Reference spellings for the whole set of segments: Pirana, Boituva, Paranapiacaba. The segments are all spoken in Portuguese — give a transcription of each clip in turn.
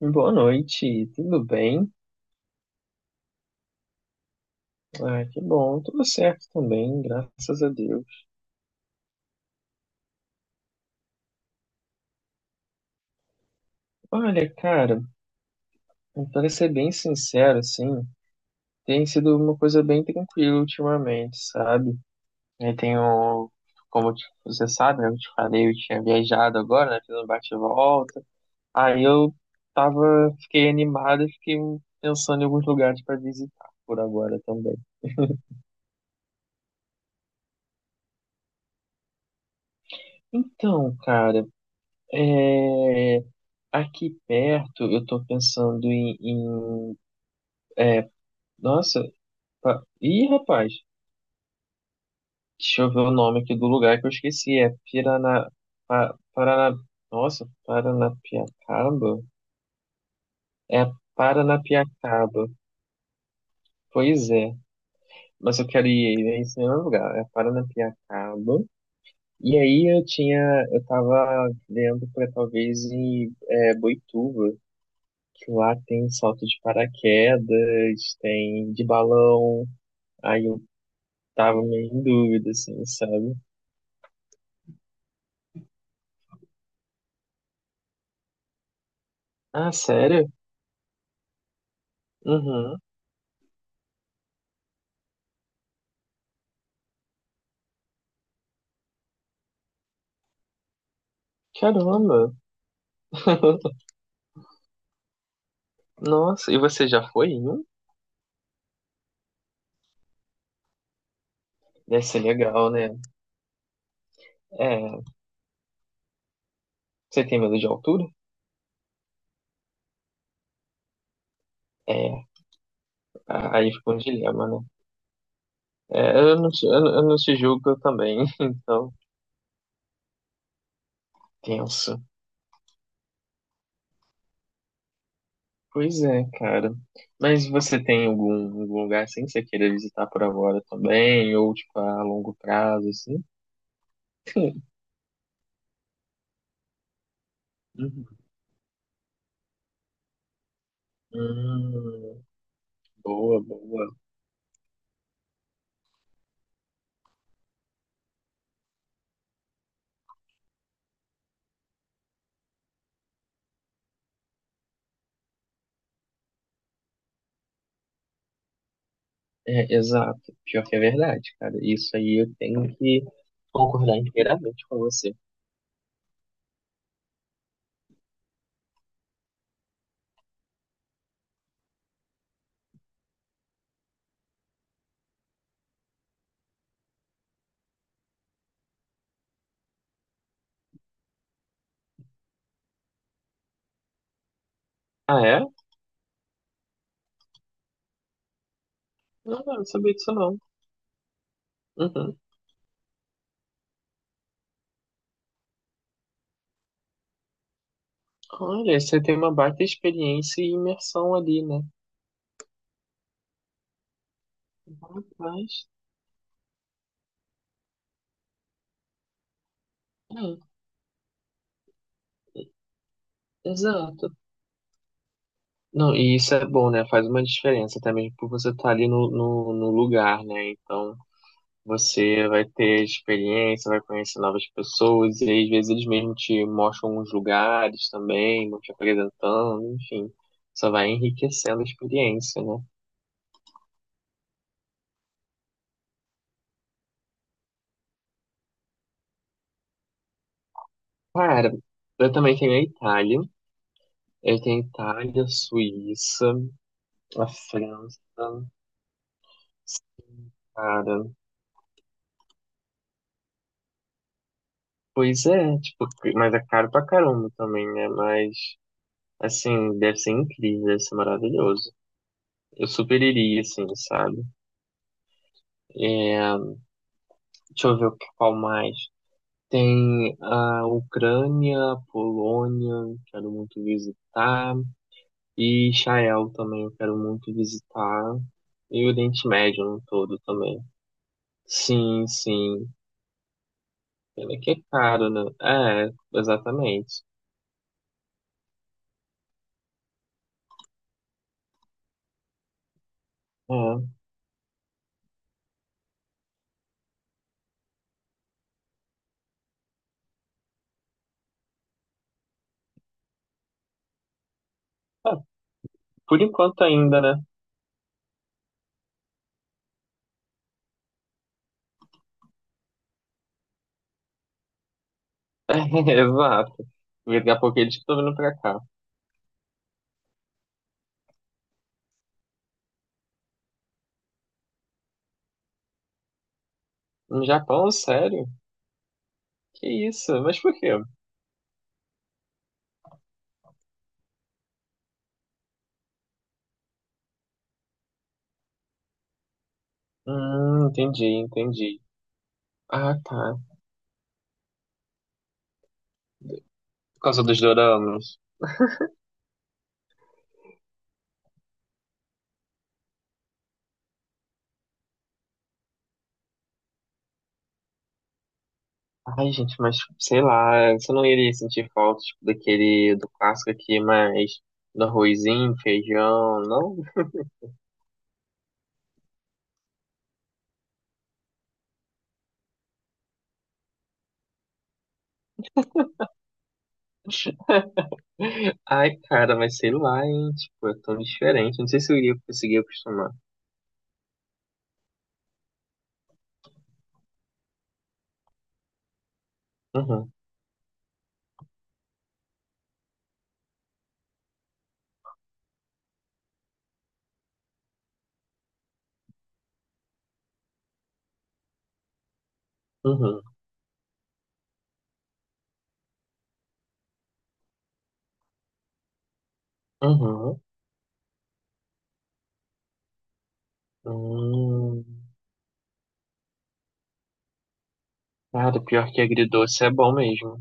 Boa noite, tudo bem? Ah, que bom, tudo certo também, graças a Deus. Olha, cara, para ser bem sincero, assim, tem sido uma coisa bem tranquila ultimamente, sabe? Eu tenho, como eu você sabe, né, eu te falei, eu tinha viajado agora, né, fiz um bate-volta. Aí eu tava, fiquei animado e fiquei pensando em alguns lugares para visitar por agora também. Então, cara, é... Aqui perto, eu tô pensando em é, nossa, rapaz, deixa eu ver o nome aqui do lugar que eu esqueci, é Pirana, Parana, nossa, Paranapiacaba? É Paranapiacaba, pois é, mas eu quero ir em esse mesmo lugar, é Paranapiacaba, e aí eu tava vendo pra talvez ir Boituva, que lá tem salto de paraquedas, tem de balão, Aí eu tava meio em dúvida, assim, sabe? Ah, sério? Uhum. Caramba! Nossa, e você já foi em um? Deve ser legal, né? É, você tem medo de altura? É, aí fica um dilema, né? É, eu não te julgo eu também, então, tenso. Pois é, cara. Mas você tem algum lugar assim que você queira visitar por agora também? Ou, tipo, a longo prazo, assim? Uhum. Hum, boa, boa. É, exato. Pior que é verdade, cara. Isso aí eu tenho que concordar inteiramente com você. Ah, é? Não, não não sabia disso não. Uhum. Olha, você tem uma baita experiência e imersão ali, né? Rapaz. É, exato. Não, e isso é bom, né? Faz uma diferença também por você estar ali no lugar, né? Então. Você vai ter experiência, vai conhecer novas pessoas, e aí, às vezes eles mesmo te mostram uns lugares também, vão te apresentando, enfim. Só vai enriquecendo a experiência, né? Cara, eu também tenho a Itália. Eu tenho a Itália, a Suíça, a França, cara. Pois é, tipo, mas é caro pra caramba também, né? Mas, assim, deve ser incrível, deve ser maravilhoso. Eu super iria, assim, sabe? É, deixa eu ver qual mais. Tem a Ucrânia, Polônia, quero muito visitar, e Israel também, eu quero muito visitar, e o Oriente Médio no todo também. Sim, sim. Pena que é caro, né? É, exatamente. É. Ah, por enquanto ainda, né? É, exato. Porque daqui a pouco eles estão vindo pra cá. No Japão, sério? Que isso? Mas por quê? Entendi, entendi. Ah, tá. Por causa dos doramas. Ai, gente, mas sei lá, você não iria sentir falta, tipo, daquele, do clássico aqui, mas do arrozinho, feijão, não? Ai, cara, mas sei lá, hein, tipo, é tão diferente, não sei se eu iria conseguir acostumar. Uhum, uhum, uhum, hum. Cara, pior que agridoce é bom mesmo.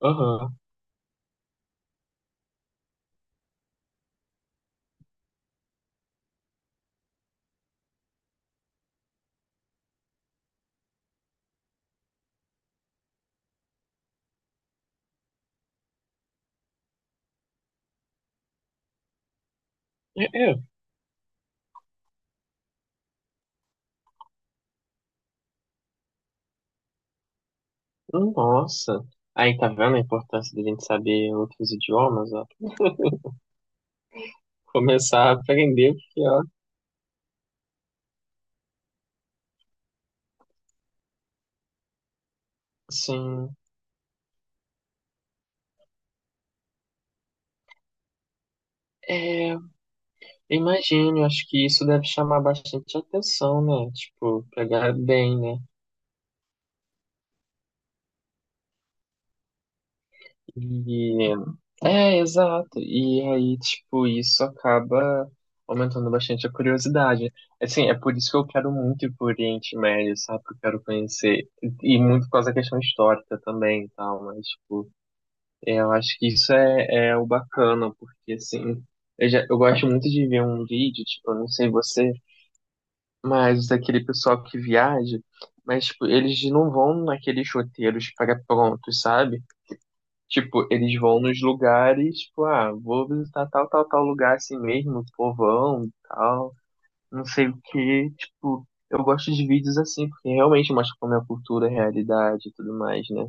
Aham, é, é, nossa. Aí, tá vendo a importância da gente saber outros idiomas, ó? Começar a aprender, porque, ó, sim. É, Imagino, acho que isso deve chamar bastante atenção, né? Tipo, pegar bem, né? E é, exato. E aí, tipo, isso acaba aumentando bastante a curiosidade. Assim, é por isso que eu quero muito ir pro Oriente Médio, sabe? Porque eu quero conhecer. E muito por causa da questão histórica também e tal, mas, tipo, é, eu acho que isso é, o bacana, porque, assim, eu gosto muito de ver um vídeo, tipo, eu não sei você. Mas daquele pessoal que viaja, mas tipo, eles não vão naqueles roteiros pré-prontos, sabe? Tipo, eles vão nos lugares, tipo, ah, vou visitar tal, tal, tal lugar assim mesmo, povão, e tal, não sei o quê. Tipo, eu gosto de vídeos assim, porque realmente mostra como é a cultura, a realidade e tudo mais, né?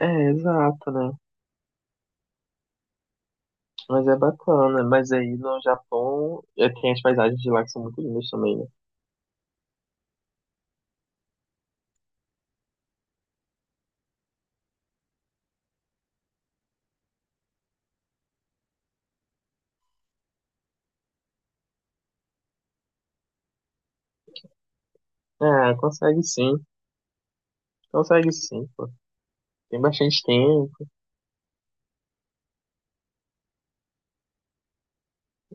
É, exato, né? Mas é bacana. Mas aí no Japão, é, tem as paisagens de lá que são muito lindas também, né? Ah, consegue sim, pô. Tem bastante tempo.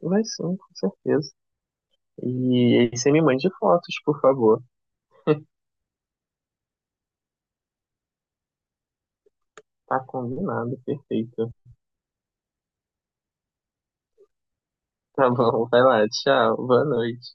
Vai sim, com certeza. E aí você me mande fotos, por favor. Tá combinado, perfeito. Tá bom, vai lá, tchau, boa noite.